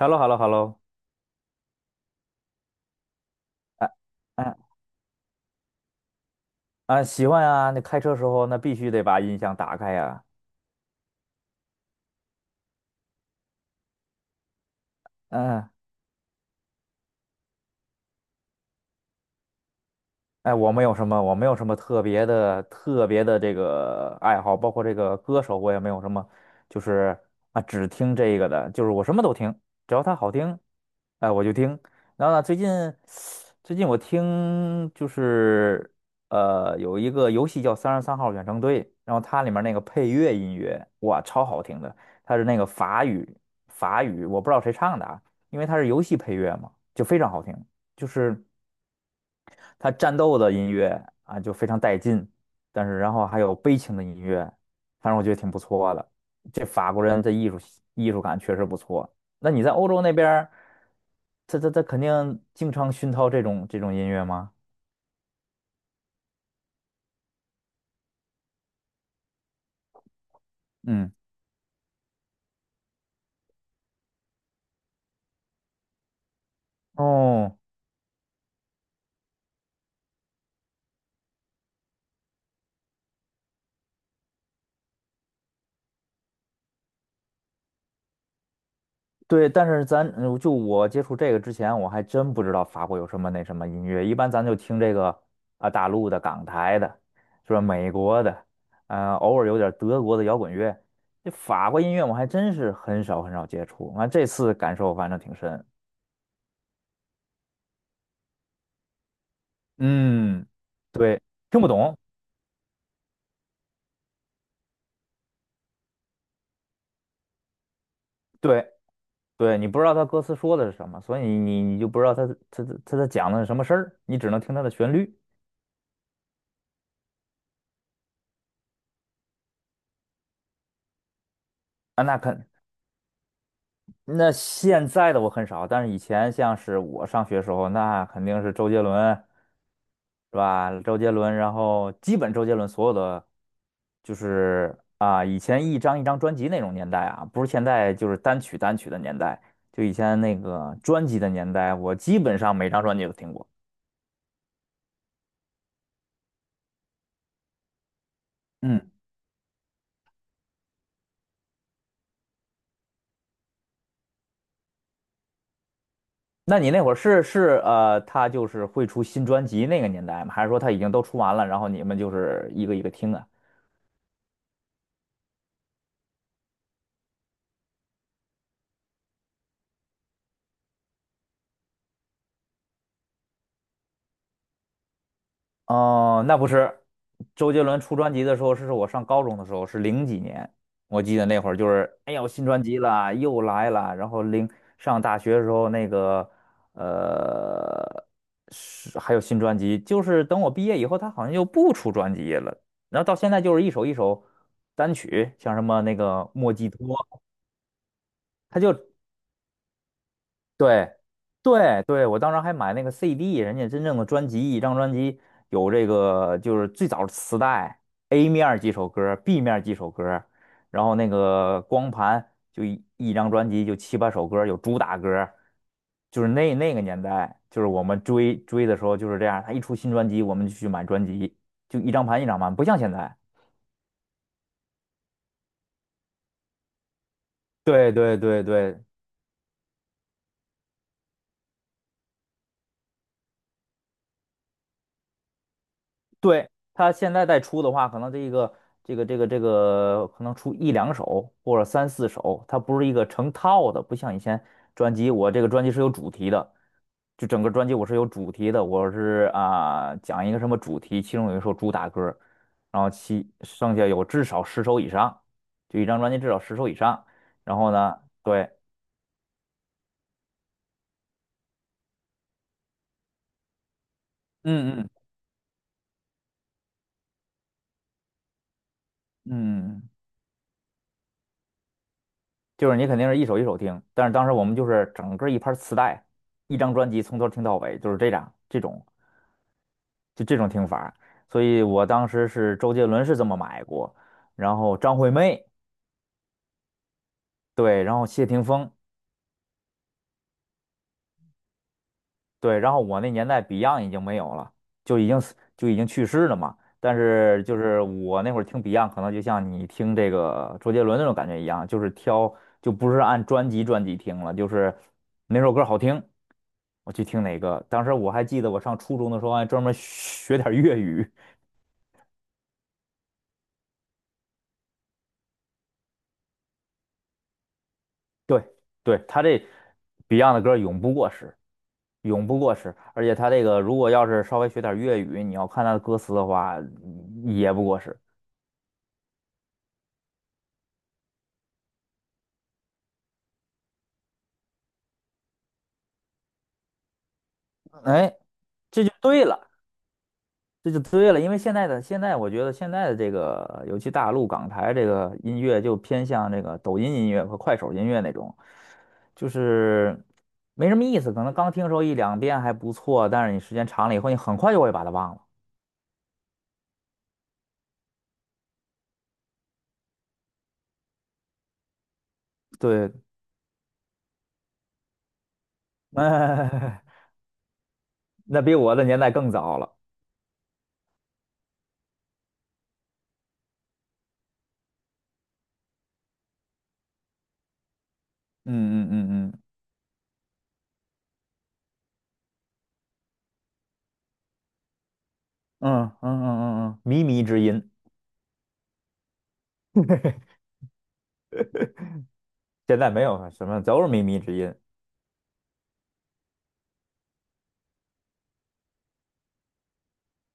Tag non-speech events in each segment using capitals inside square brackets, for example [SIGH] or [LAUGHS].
h e l l o h e l l o h e l l o 啊啊啊！喜欢啊！那开车时候那必须得把音响打开呀、嗯、哎，我没有什么，我没有什么特别的、这个爱好，包括这个歌手，我也没有什么，就是啊，只听这个的，就是我什么都听，只要它好听，哎，我就听。然后呢，最近我听就是有一个游戏叫《三十三号远征队》，然后它里面那个配乐音乐，哇，超好听的，它是那个法语，我不知道谁唱的啊，因为它是游戏配乐嘛，就非常好听，就是。他战斗的音乐啊就非常带劲，但是然后还有悲情的音乐，反正我觉得挺不错的。这法国人的艺术艺术感确实不错。那你在欧洲那边儿他肯定经常熏陶这种音乐吗？嗯，哦，对，但是就我接触这个之前，我还真不知道法国有什么那什么音乐。一般咱就听这个啊，大陆的、港台的，是吧？美国的，呃，偶尔有点德国的摇滚乐。这法国音乐我还真是很少很少接触，完这次感受反正挺深。嗯，对，听不懂，对对，你不知道他歌词说的是什么，所以你就不知道他讲的是什么事儿，你只能听他的旋律啊，那现在的我很少，但是以前像是我上学时候，那肯定是周杰伦，是吧？周杰伦，然后基本周杰伦所有的，就是啊，以前一张一张专辑那种年代啊，不是现在就是单曲单曲的年代，就以前那个专辑的年代，我基本上每张专辑都听过。嗯，那你那会儿是他就是会出新专辑那个年代吗？还是说他已经都出完了，然后你们就是一个一个听啊？哦，那不是，周杰伦出专辑的时候是我上高中的时候，是零几年，我记得那会儿就是，哎呀我新专辑了，又来了。然后上大学的时候，那个呃，是还有新专辑，就是等我毕业以后，他好像又不出专辑了。然后到现在就是一首一首单曲，像什么那个莫吉托，他就。对，对，对，我当时还买那个 CD，人家真正的专辑，一张专辑有这个就是最早的磁带，A 面儿几首歌儿 b 面儿几首歌儿然后那个光盘就一张专辑就七八首歌儿有主打歌儿就是那个年代，就是我们追追的时候就是这样，他一出新专辑我们就去买专辑，就一张盘一张盘，不像现在。对对对对，对，他现在再出的话，可能这一个这个可能出一两首或者三四首，它不是一个成套的，不像以前专辑，我这个专辑是有主题的，就整个专辑我是有主题的，我是啊、讲一个什么主题，其中有一首主打歌，然后其剩下有至少十首以上，就一张专辑至少十首以上，然后呢，对，嗯嗯嗯。就是你肯定是一首一首听，但是当时我们就是整个一盘磁带，一张专辑从头听到尾，就是这样这种就这种听法所以我当时是周杰伦是这么买过，然后张惠妹，对，然后谢霆锋。对，然后我那年代 Beyond 已经没有了，就已经去世了嘛。但是就是我那会儿听 Beyond，可能就像你听这个周杰伦那种感觉一样，就是挑就不是按专辑听了，就是哪首歌好听，我去听哪个。当时我还记得我上初中的时候还专门学点儿粤语。对，对，他这 Beyond 的歌永不过时，永不过时。而且他这个如果要是稍微学点儿粤语，你要看他的歌词的话，也不过时。哎，这就对了，这就对了，因为现在，我觉得现在的这个，尤其大陆港台这个音乐，就偏向这个抖音音乐和快手音乐那种，就是没什么意思。可能刚听时候一两遍还不错，但是你时间长了以后，你很快就会把它忘了。对，哎，[LAUGHS] 那比我的年代更早了。嗯嗯嗯嗯嗯嗯嗯嗯嗯，靡靡之音，现在没有什么，都是靡靡之音。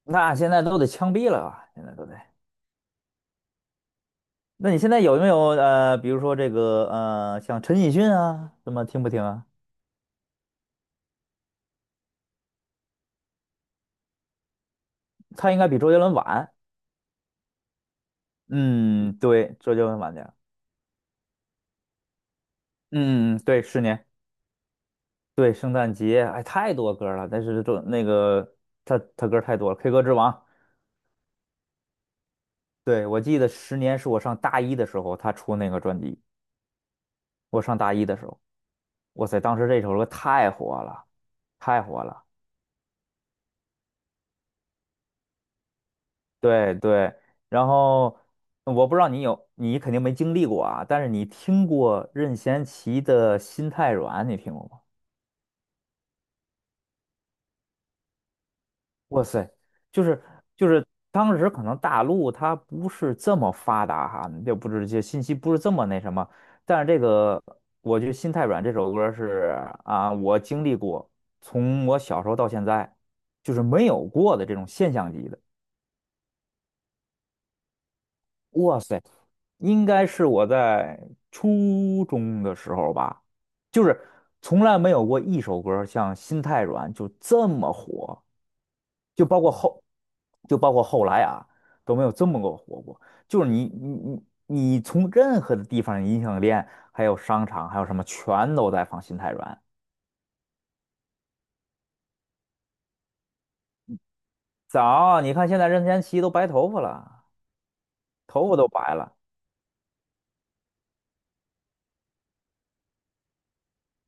那现在都得枪毙了吧？现在都得。那你现在有没有比如说这个像陈奕迅啊，什么听不听啊？他应该比周杰伦晚。嗯，对，周杰伦晚点儿。嗯，对，十年，对，圣诞节，哎，太多歌了。但是这那个他歌太多了，《K 歌之王》。对，我记得《十年》是我上大一的时候他出那个专辑，我上大一的时候，哇塞，当时这首歌太火了，太火了。对对，然后我不知道你有，你肯定没经历过啊，但是你听过任贤齐的《心太软》，你听过吗？哇塞，就是就是当时可能大陆它不是这么发达哈，就不是这些信息不是这么那什么，但是这个我觉得《心太软》这首歌是啊，我经历过，从我小时候到现在就是没有过的这种现象级的。哇塞，应该是我在初中的时候吧，就是从来没有过一首歌像《心太软》就这么火，就包括后，就包括后来啊都没有这么个火过。就是你从任何的地方，音像店还有商场还有什么，全都在放《心太软》。早，你看现在任贤齐都白头发了，头发都白了，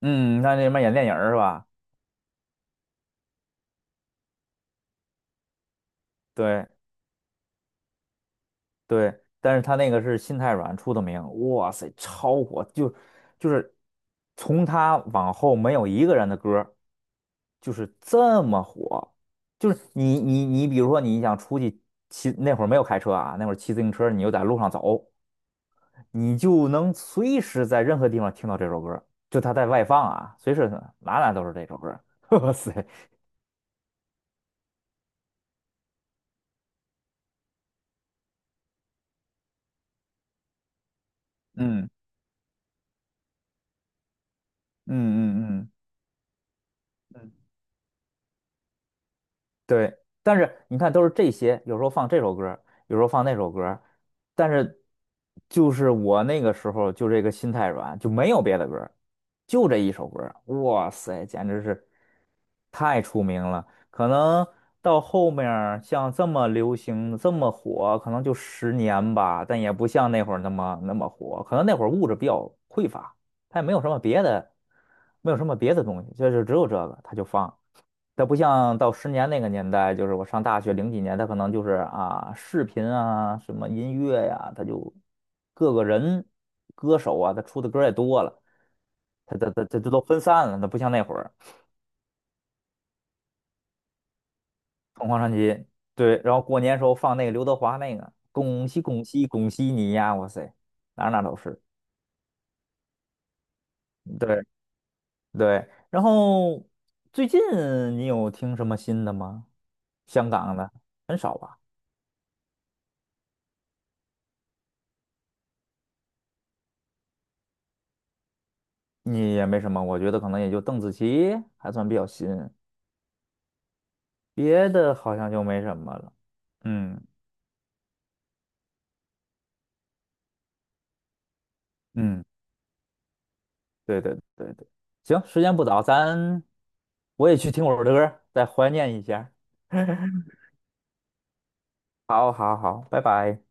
嗯，你看那什么演电影儿是吧？对。对，但是他那个是心太软出的名，哇塞，超火，就是从他往后没有一个人的歌儿就是这么火，就是你，比如说你想出去骑，那会儿没有开车啊，那会儿骑自行车，你又在路上走，你就能随时在任何地方听到这首歌儿就他在外放啊，随时哪哪都是这首歌儿 [LAUGHS] 哇塞，嗯嗯嗯嗯嗯对，但是你看，都是这些，有时候放这首歌儿有时候放那首歌儿但是就是我那个时候就这个心太软，就没有别的歌儿就这一首歌儿哇塞，简直是太出名了。可能到后面儿像这么流行、这么火，可能就十年吧，但也不像那会儿那么那么火。可能那会儿物质比较匮乏，他也没有什么别的，没有什么别的东西，就是只有这个，他就放。它不像到十年那个年代，就是我上大学零几年，它可能就是啊，视频啊，什么音乐呀、它就各个人歌手啊，他出的歌也多了，它都分散了，它不像那会儿凤凰传奇，对，然后过年时候放那个刘德华那个恭喜恭喜恭喜你呀，哇塞，哪儿哪儿都是，对对，然后最近你有听什么新的吗？香港的很少吧。你也没什么，我觉得可能也就邓紫棋还算比较新，别的好像就没什么了。嗯嗯，对对对对，行，时间不早，我也去听会儿歌儿，再怀念一下。[LAUGHS] 好，好，好，拜拜。